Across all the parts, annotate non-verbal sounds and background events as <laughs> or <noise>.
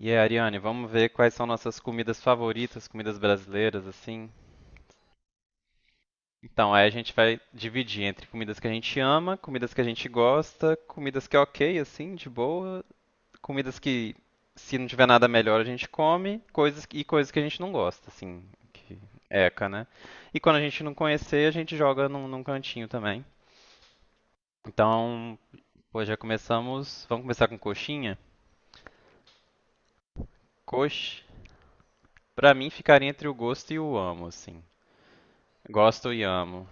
E aí, Ariane, vamos ver quais são nossas comidas favoritas, comidas brasileiras, assim. Então, aí a gente vai dividir entre comidas que a gente ama, comidas que a gente gosta, comidas que é ok, assim, de boa, comidas que, se não tiver nada melhor, a gente come, coisas e coisas que a gente não gosta, assim, que eca, né? E quando a gente não conhecer, a gente joga num cantinho também. Então, pô, já começamos. Vamos começar com coxinha? Coxa, pra mim, ficaria entre o gosto e o amo, assim. Gosto e amo.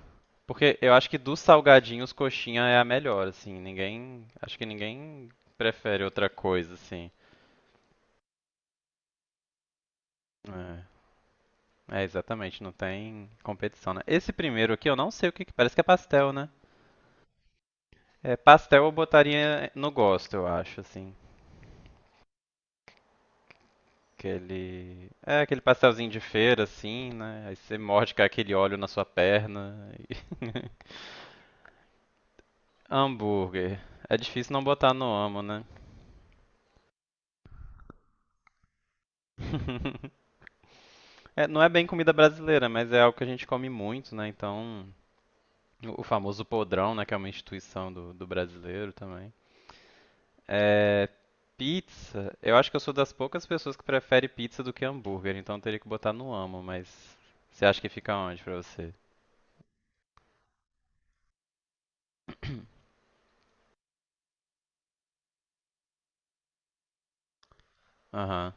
Porque eu acho que dos salgadinhos, coxinha é a melhor, assim. Ninguém. Acho que ninguém prefere outra coisa, assim. É, exatamente, não tem competição, né? Esse primeiro aqui, eu não sei o que. Parece que é pastel, né? É, pastel eu botaria no gosto, eu acho, assim. Aquele. É, aquele pastelzinho de feira, assim, né? Aí você morde com aquele óleo na sua perna. <laughs> Hambúrguer. É difícil não botar no amo, né? <laughs> É, não é bem comida brasileira, mas é algo que a gente come muito, né? Então, o famoso podrão, né? Que é uma instituição do brasileiro também. É, pizza, eu acho que eu sou das poucas pessoas que prefere pizza do que hambúrguer, então eu teria que botar no amo, mas você acha que fica onde pra você? Aham.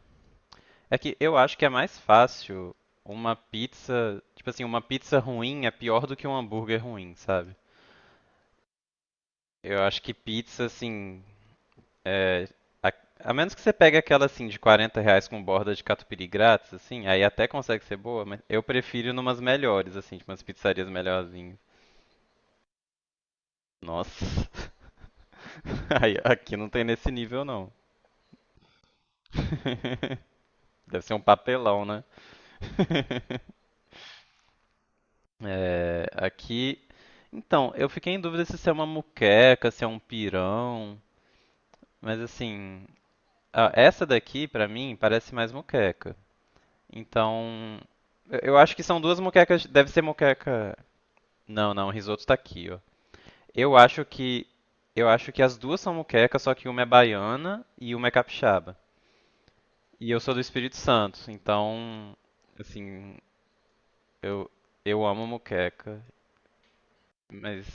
É que eu acho que é mais fácil uma pizza, tipo assim, uma pizza ruim é pior do que um hambúrguer ruim, sabe? Eu acho que pizza, assim, é, a, a menos que você pegue aquela assim de 40 reais com borda de catupiry grátis, assim, aí até consegue ser boa, mas eu prefiro numas melhores, assim, tipo umas pizzarias melhorzinhas. Nossa, <laughs> aí, aqui não tem nesse nível não. <laughs> Deve ser um papelão, né? <laughs> É, aqui. Então, eu fiquei em dúvida se isso é uma muqueca, se é um pirão, mas assim, ah, essa daqui pra mim parece mais muqueca. Então, eu acho que são duas moquecas. Deve ser moqueca. Não, o risoto tá aqui, ó. Eu acho que eu acho que as duas são moquecas, só que uma é baiana e uma é capixaba. E eu sou do Espírito Santo, então, assim, eu amo moqueca, mas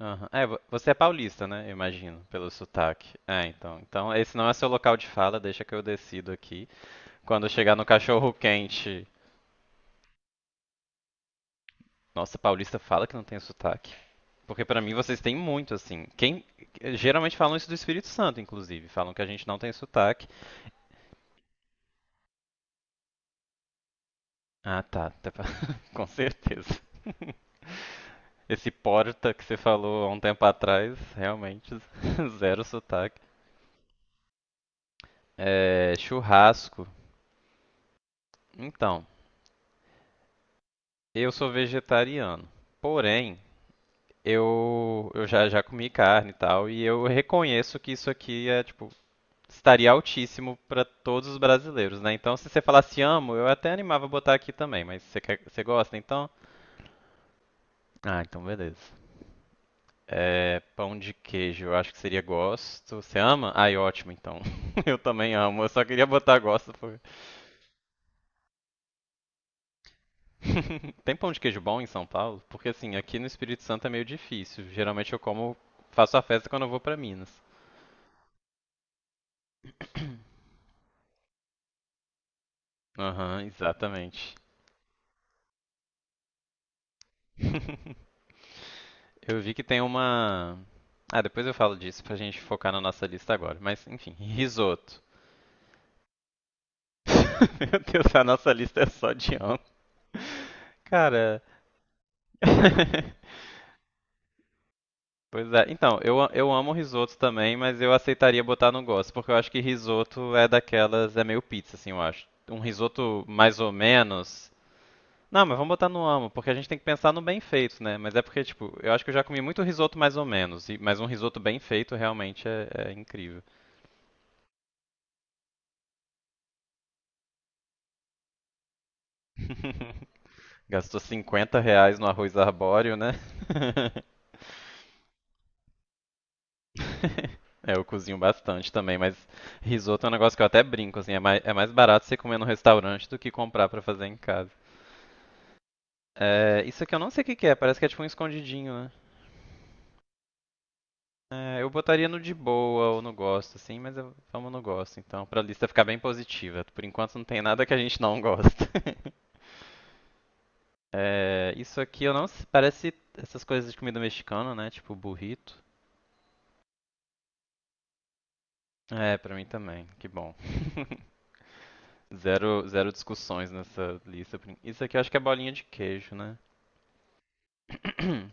aham. É, você é paulista, né? Eu imagino, pelo sotaque. É, então. Então, esse não é seu local de fala, deixa que eu decido aqui. Quando eu chegar no cachorro quente. Nossa, paulista fala que não tem sotaque. Porque pra mim vocês têm muito, assim. Quem geralmente falam isso do Espírito Santo, inclusive, falam que a gente não tem sotaque. Ah, tá. Com certeza. <laughs> Esse porta que você falou há um tempo atrás, realmente <laughs> zero sotaque. É, churrasco. Então, eu sou vegetariano. Porém, eu já, já comi carne e tal, e eu reconheço que isso aqui é tipo estaria altíssimo para todos os brasileiros, né? Então, se você falasse amo, eu até animava a botar aqui também, mas você, você gosta, então? Ah, então beleza. É, pão de queijo, eu acho que seria gosto. Você ama? Ai, ótimo, então. <laughs> Eu também amo, eu só queria botar gosto. Por... <laughs> Tem pão de queijo bom em São Paulo? Porque assim, aqui no Espírito Santo é meio difícil. Geralmente eu como, faço a festa quando eu vou para Minas. Aham, exatamente. <laughs> Eu vi que tem uma. Ah, depois eu falo disso pra gente focar na nossa lista agora. Mas, enfim, risoto. <laughs> Meu Deus, a nossa lista é só de amo. Cara. <laughs> Pois é. Então, eu, eu amo risoto também, mas eu aceitaria botar no gosto, porque eu acho que risoto é daquelas. É meio pizza, assim, eu acho. Um risoto mais ou menos. Não, mas vamos botar no amo, porque a gente tem que pensar no bem feito, né? Mas é porque, tipo, eu acho que eu já comi muito risoto mais ou menos, mas um risoto bem feito realmente é incrível. <laughs> Gastou 50 reais no arroz arbóreo, né? <laughs> É, eu cozinho bastante também, mas risoto é um negócio que eu até brinco, assim, é mais barato você comer no restaurante do que comprar pra fazer em casa. É, isso aqui eu não sei o que que é, parece que é tipo um escondidinho, né? É, eu botaria no de boa ou no gosto, assim, mas eu, vamos no gosto, então, pra lista ficar bem positiva. Por enquanto não tem nada que a gente não <laughs> gosta. É, isso aqui eu não, parece essas coisas de comida mexicana, né? Tipo burrito. É, pra mim também, que bom. Zero discussões nessa lista. Isso aqui eu acho que é bolinha de queijo, né? <clears throat>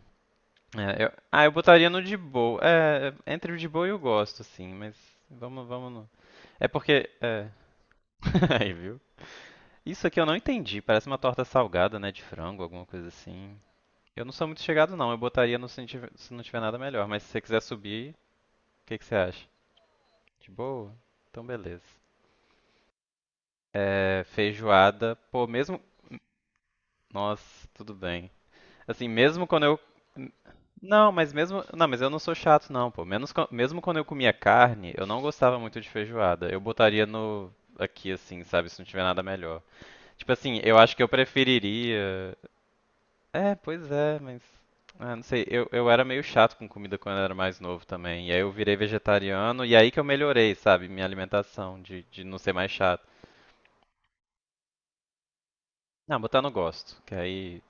Eu botaria no de boa. Entre o de boa e o gosto, assim, mas vamos no. É porque. É. <laughs> Aí, viu? Isso aqui eu não entendi. Parece uma torta salgada, né? De frango, alguma coisa assim. Eu não sou muito chegado, não. Eu botaria no se não tiver nada melhor. Mas se você quiser subir, o que que você acha? De boa? Então, beleza. É, feijoada. Pô, mesmo. Nossa, tudo bem. Assim, mesmo quando eu não, mas mesmo, não, mas eu não sou chato não, pô. Menos, mesmo quando eu comia carne, eu não gostava muito de feijoada. Eu botaria no aqui assim, sabe, se não tiver nada melhor. Tipo assim, eu acho que eu preferiria. É, pois é, mas ah, não sei. Eu era meio chato com comida quando eu era mais novo também. E aí eu virei vegetariano e aí que eu melhorei, sabe, minha alimentação de não ser mais chato. Não, botar no gosto, que aí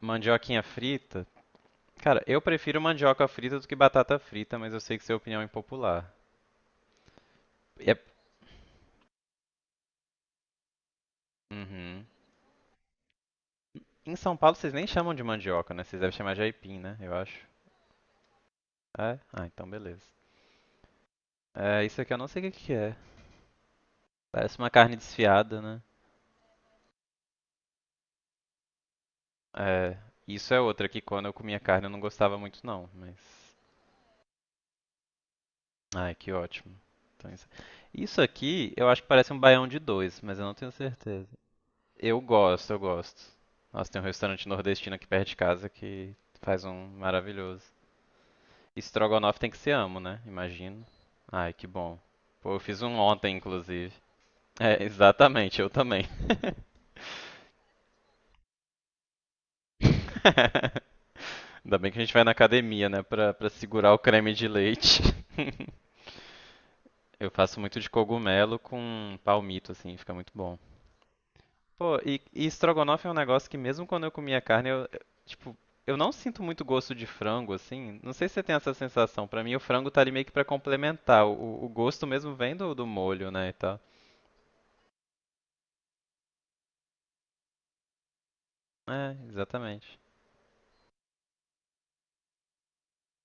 mandioquinha frita. Cara, eu prefiro mandioca frita do que batata frita, mas eu sei que isso é opinião impopular. É- uhum. Em São Paulo vocês nem chamam de mandioca, né? Vocês devem chamar de aipim, né? Eu acho. É? Ah, então beleza. É, isso aqui eu não sei o que que é. Parece uma carne desfiada, né? É, isso é outra que quando eu comia carne eu não gostava muito não, mas... Ai, que ótimo. Então, isso... isso aqui eu acho que parece um baião de dois, mas eu não tenho certeza. Eu gosto. Nossa, tem um restaurante nordestino aqui perto de casa que faz um maravilhoso. Estrogonofe tem que ser amo, né? Imagino. Ai, que bom. Pô, eu fiz um ontem, inclusive. É, exatamente, eu também. <laughs> Ainda bem que a gente vai na academia, né, pra segurar o creme de leite. Eu faço muito de cogumelo com palmito, assim, fica muito bom. Pô, e estrogonofe é um negócio que mesmo quando eu comia carne, tipo, eu não sinto muito gosto de frango, assim. Não sei se você tem essa sensação. Pra mim, o frango tá ali meio que pra complementar. O gosto mesmo vem do molho, né, e tal. É, exatamente.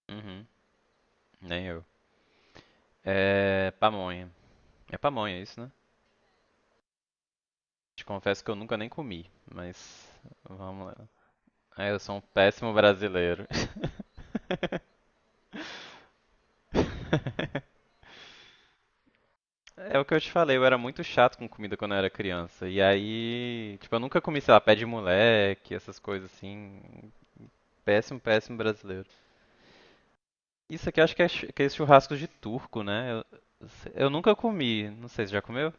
Uhum, nem eu. É pamonha. É pamonha isso, né? Te confesso que eu nunca nem comi, mas vamos lá. É, eu sou um péssimo brasileiro. <laughs> É o que eu te falei, eu era muito chato com comida quando eu era criança. E aí, tipo, eu nunca comi, sei lá, pé de moleque, essas coisas assim. Péssimo, péssimo brasileiro. Isso aqui eu acho que é aqueles churrascos de turco, né? Eu nunca comi, não sei se já comeu?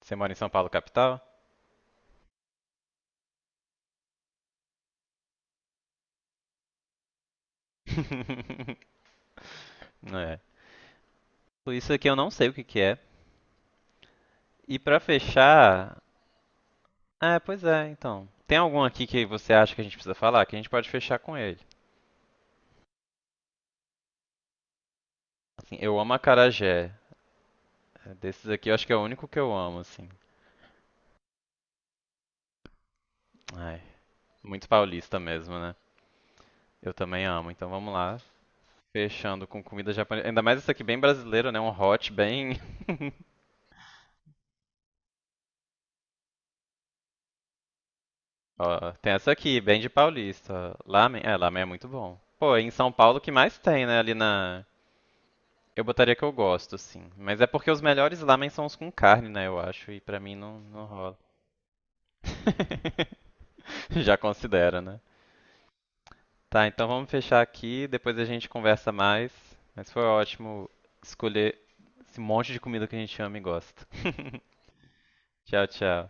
Você mora em São Paulo, capital? <laughs> É. Isso aqui eu não sei o que que é. E pra fechar, é, pois é, então. Tem algum aqui que você acha que a gente precisa falar? Que a gente pode fechar com ele. Assim, eu amo acarajé. É, desses aqui eu acho que é o único que eu amo, assim. Ai, muito paulista mesmo, né? Eu também amo. Então vamos lá, fechando com comida japonesa. Ainda mais essa aqui bem brasileira, né? Um hot bem <laughs> Ó, tem essa aqui, bem de paulista. Lamen é muito bom. Pô, em São Paulo o que mais tem, né? Ali na eu botaria que eu gosto, sim. Mas é porque os melhores lamen são os com carne, né? Eu acho. E pra mim não, não rola. <laughs> Já considera, né? Tá, então vamos fechar aqui. Depois a gente conversa mais. Mas foi ótimo escolher esse monte de comida que a gente ama e gosta. Tchau, tchau.